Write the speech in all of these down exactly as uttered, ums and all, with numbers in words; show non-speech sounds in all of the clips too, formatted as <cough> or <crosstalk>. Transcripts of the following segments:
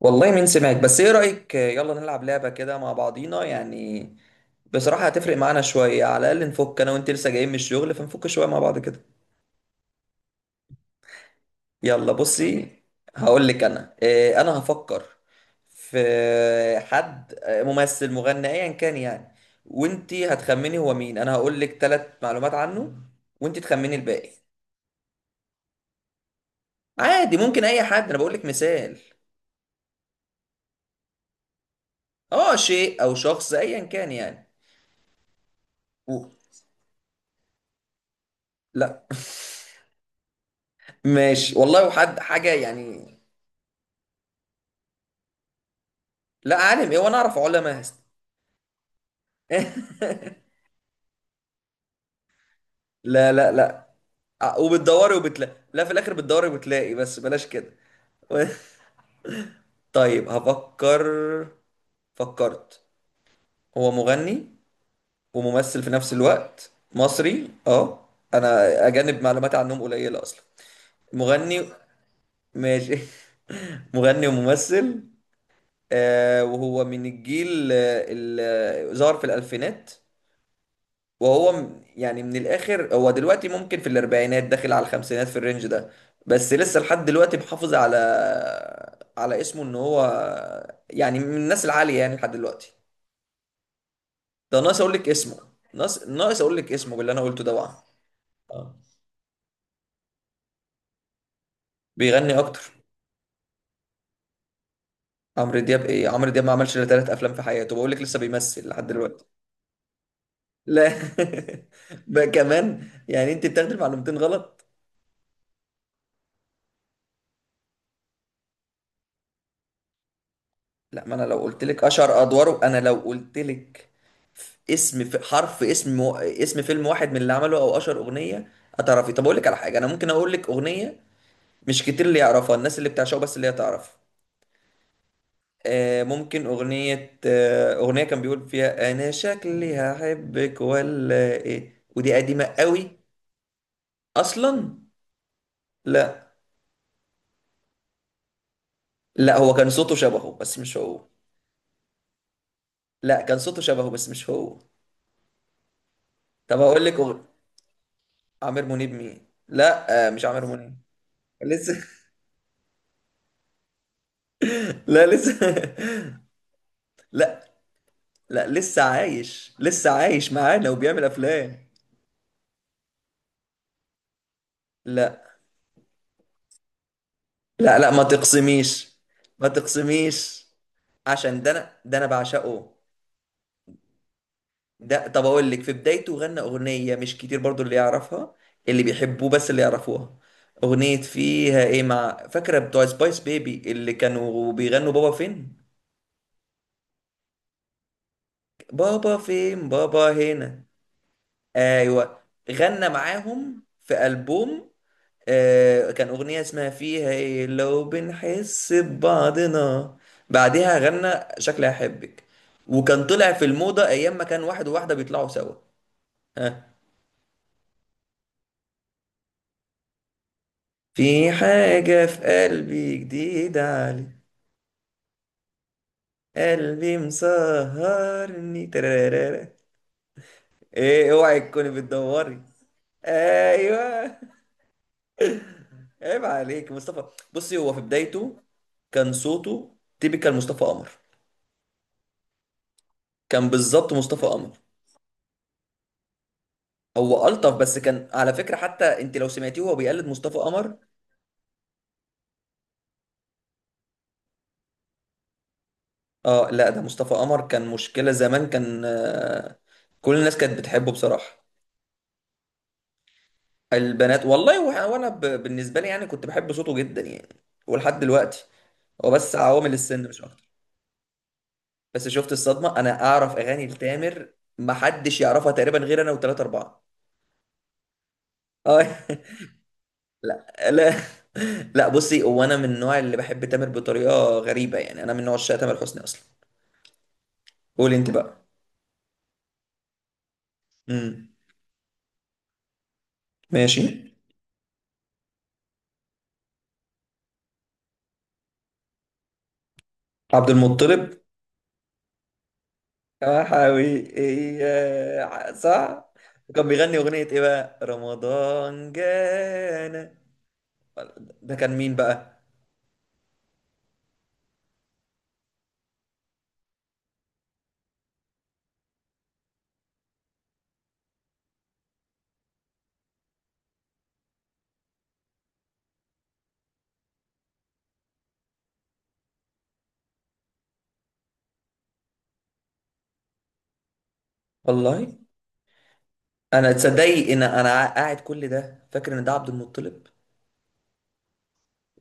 والله مين سمعك؟ بس ايه رأيك، يلا نلعب لعبة كده مع بعضينا يعني. بصراحة هتفرق معانا شوية، على الأقل نفك أنا وأنت لسه جايين من الشغل، فنفك شوية مع بعض كده. يلا بصي، هقول لك أنا إيه. أنا هفكر في حد آه، ممثل، مغني، أيا كان يعني. وأنت هتخمني هو مين. أنا هقول لك ثلاث معلومات عنه وأنت تخمني الباقي. عادي، ممكن أي حد. أنا بقول لك مثال. أه، شيء أو شخص أيا كان يعني. أوه. لا. ماشي والله، وحد حاجة يعني. لا، عالم ايه وانا اعرف علماء هست. <laughs> لا لا لا. ع- وبتدوري وبتلاقي، لا، في الاخر بتدوري وبتلاقي، بس بلاش كده. <laughs> طيب هفكر. فكرت. هو مغني وممثل في نفس الوقت، مصري. اه. انا اجانب معلومات عنهم قليلة اصلا. مغني. ماشي. <laughs> مغني وممثل. آه، وهو من الجيل آه، اللي ظهر في الالفينات. وهو م- يعني من الاخر، هو دلوقتي ممكن في الاربعينات داخل على الخمسينات، في الرينج ده. بس لسه لحد دلوقتي محافظ على على اسمه ان هو يعني من الناس العالية يعني لحد دلوقتي. ده ناقص اقول لك اسمه. ناقص، ناقص اقول لك اسمه باللي انا قلته ده بقى. آه. بيغني اكتر. عمرو دياب ايه؟ عمرو دياب ما عملش الا ثلاث افلام في حياته، بقول لك لسه بيمثل لحد دلوقتي. لا. <laughs> بقى كمان يعني انت بتاخدي المعلومتين غلط. لا، ما انا لو قلت لك اشهر ادواره، انا لو قلت لك اسم في حرف اسم و... اسم فيلم واحد من اللي عمله او اشهر اغنيه هتعرفي. طب اقول لك على حاجه، انا ممكن اقول لك اغنيه مش كتير اللي يعرفها الناس، اللي بتعشقه بس اللي هي تعرف. آه ممكن اغنيه آه اغنيه كان بيقول فيها انا شكلي هحبك ولا ايه، ودي قديمه قوي. اصلا. لا. لا، هو كان صوته شبهه بس مش هو. لا، كان صوته شبهه بس مش هو. طب هقول لك أغ... عامر منيب مين؟ لا، آه مش عامر منيب. لسه. <laughs> لا لسه. <laughs> لا لا، لسه عايش، لسه عايش معانا وبيعمل افلام. لا لا لا، ما تقسميش، ما تقسميش. عشان ده انا ده انا بعشقه. ده طب اقول لك، في بدايته غنى اغنيه مش كتير برضو اللي يعرفها، اللي بيحبوه بس اللي يعرفوها. اغنيه فيها ايه، مع فاكره بتوع سبايس بيبي اللي كانوا بيغنوا بابا فين؟ بابا فين، بابا هنا. ايوه، غنى معاهم في البوم. آه، كان أغنية اسمها فيها إيه لو بنحس ببعضنا. بعدها غنى شكلي أحبك. وكان طلع في الموضة أيام ما كان واحد وواحدة بيطلعوا سوا. ها. في حاجة في قلبي جديدة علي. قلبي مسهرني ترارارا. إيه، أوعي تكوني بتدوري. أيوه. عيب عليك مصطفى. بصي، هو في بدايته كان صوته تيبيكال مصطفى قمر. كان بالظبط مصطفى قمر. هو ألطف، بس كان على فكرة، حتى انت لو سمعتيه هو بيقلد مصطفى قمر. اه، لا ده مصطفى قمر كان مشكلة زمان، كان آه، كل الناس كانت بتحبه بصراحة. البنات والله، وح- وانا ب- بالنسبة لي يعني كنت بحب صوته جدا يعني، ولحد دلوقتي. هو بس عوامل السن مش اكتر. بس شفت الصدمة؟ انا اعرف اغاني لتامر محدش يعرفها تقريبا غير انا وثلاثة اربعة. اه. <laughs> لا لا لا، بصي، هو انا من النوع اللي بحب تامر بطريقة غريبة يعني. انا من نوع عشاق تامر حسني اصلا. قولي انت بقى. مم. ماشي. عبد المطلب. يا حاوي ايه، آه، صح. وكان بيغني اغنية ايه بقى، رمضان جانا؟ ده كان مين بقى؟ والله انا، تصدقي ان انا قاعد كل ده فاكر ان ده عبد المطلب؟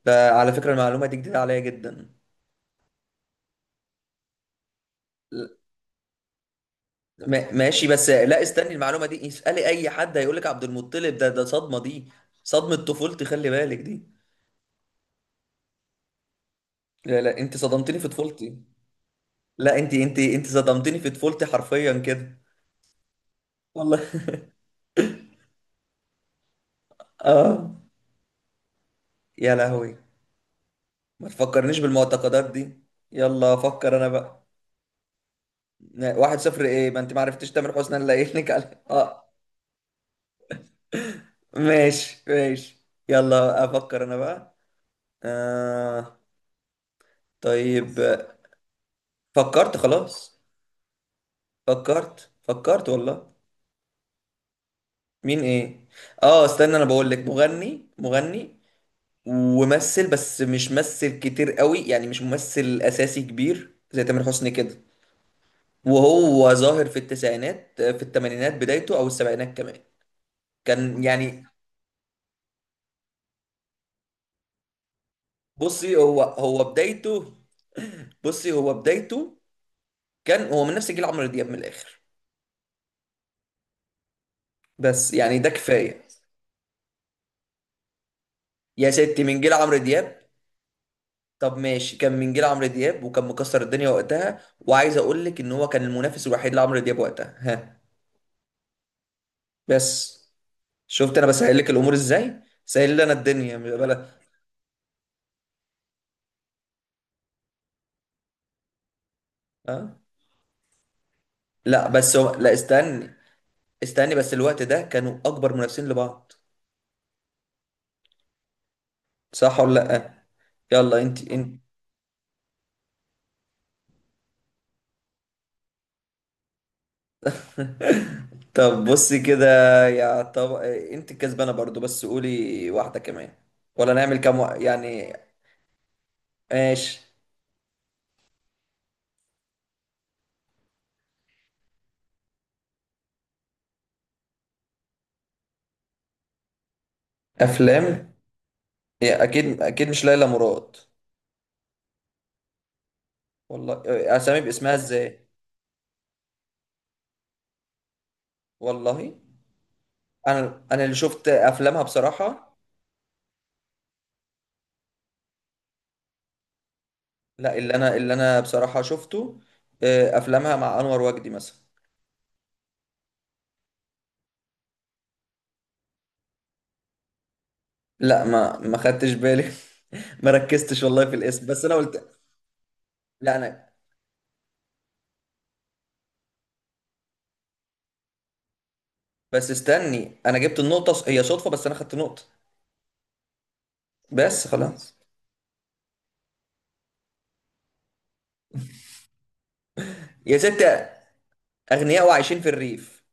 ده على فكرة المعلومة دي جديدة عليا جدا. ما- ماشي، بس لا استني، المعلومة دي اسألي اي حد هيقول لك عبد المطلب. ده ده صدمة دي، صدمة طفولتي، خلي بالك دي. لا لا، انت صدمتني في طفولتي. لا، انت انت انت صدمتني في طفولتي حرفيا كده. والله. اه. يا لهوي، ما تفكرنيش بالمعتقدات دي. يلا افكر انا بقى. ن- واحد صفر ايه؟ ما انت ما عرفتش تامر حسني اللي قايل لك عليه. <laughs> اه. ماشي ماشي. يلا افكر انا بقى. آه. طيب. فكرت خلاص. فكرت، فكرت والله. مين ايه؟ اه استنى، انا بقول لك مغني. مغني وممثل، بس مش ممثل كتير قوي يعني، مش ممثل اساسي كبير زي تامر حسني كده. وهو ظاهر في التسعينات، في الثمانينات بدايته، او السبعينات كمان. كان يعني، بصي، هو هو بدايته، بصي هو بدايته كان هو من نفس جيل عمرو دياب من الاخر. بس يعني ده كفايه. يا ستي، من جيل عمرو دياب. طب ماشي، كان من جيل عمرو دياب وكان مكسر الدنيا وقتها، وعايز اقول لك ان هو كان المنافس الوحيد لعمرو دياب وقتها. ها. بس. شفت انا بسهل لك الامور ازاي؟ سهل لنا الدنيا، مش بلا. ها. لا بس هو، لا استني، استني بس، الوقت ده كانوا اكبر منافسين لبعض. صح ولا لأ؟ يلا انت انت. <laughs> طب بصي كده، يا طب انت الكسبانة برضو، بس قولي واحدة كمان. ولا نعمل كام و... يعني. ماشي. افلام. يا اكيد اكيد مش ليلى مراد. والله. اسامي باسمها ازاي؟ والله انا انا اللي شفت افلامها بصراحة. لا، اللي انا اللي انا بصراحة شفته آه، افلامها مع انور وجدي مثلا. لا، ما ما خدتش بالي. <laughs> ما ركزتش والله في الاسم، بس انا قلت. لا انا. بس استني، انا جبت النقطة، ص- هي صدفة بس انا خدت نقطة. بس خلاص. يا ستة، اغنياء وعايشين في الريف،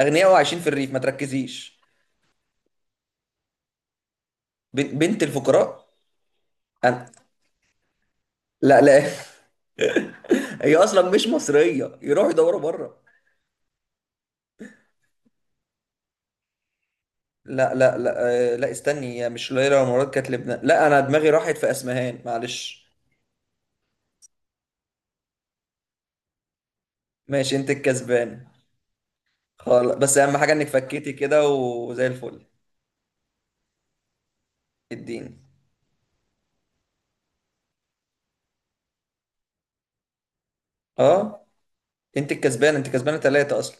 اغنياء وعايشين في الريف، ما تركزيش. بن- بنت الفقراء. أنا... لا لا. <laughs> هي اصلا مش مصرية، يروحوا يدوروا بره. لا لا لا، آه، لا استني، هي مش ليلى مراد، كانت لبنان. لا، انا دماغي راحت في اسمهان، معلش. ماشي، انت الكسبان. خلاص، بس اهم حاجة انك فكيتي كده. وزي الفل. اديني. اه، انت الكسبان، انت كسبانة ثلاثة اصلا.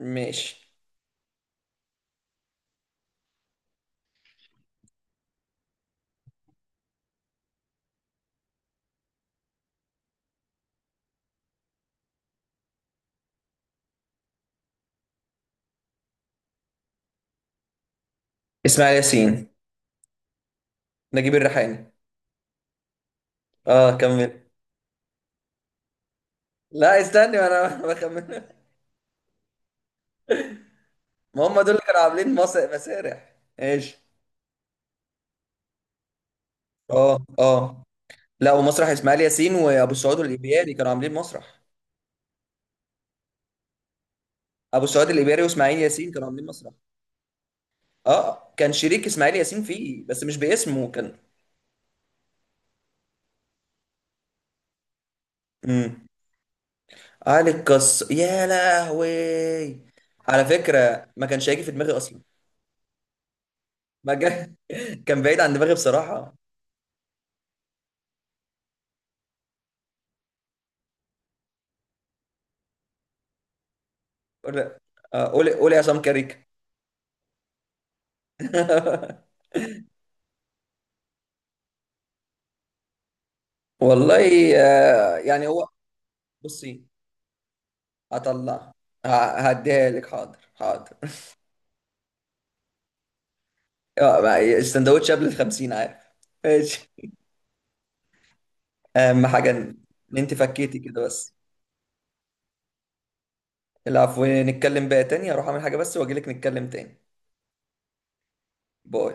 ماشي. اسماعيل ياسين. نجيب الريحاني. اه كمل. لا استني، ما انا <laughs> بكمل. ما هم دول اللي كانوا عاملين مسرح، مسارح ايش؟ اه اه. لا، ومسرح اسماعيل ياسين وابو السعود الايبياري كانوا عاملين مسرح. ابو السعود الايبياري واسماعيل ياسين كانوا عاملين مسرح. اه، كان شريك اسماعيل ياسين فيه بس مش باسمه كان. امم. علي القص، يا لهوي. على فكره ما كانش هيجي في دماغي اصلا. ما جا... <laughs> كان بعيد عن دماغي بصراحه. قول، آه، قول قول يا عصام كاريك. <laughs> والله، آه، يعني هو. بصي، هطلع. ه- هديها لك، حاضر حاضر. <laughs> آه، ما- السندوتش قبل الخمسين عارف. ماشي. اهم حاجه ان إن انت فكيتي كده، بس. العفو، نتكلم بقى تاني، اروح اعمل حاجه بس واجي لك نتكلم تاني. باي.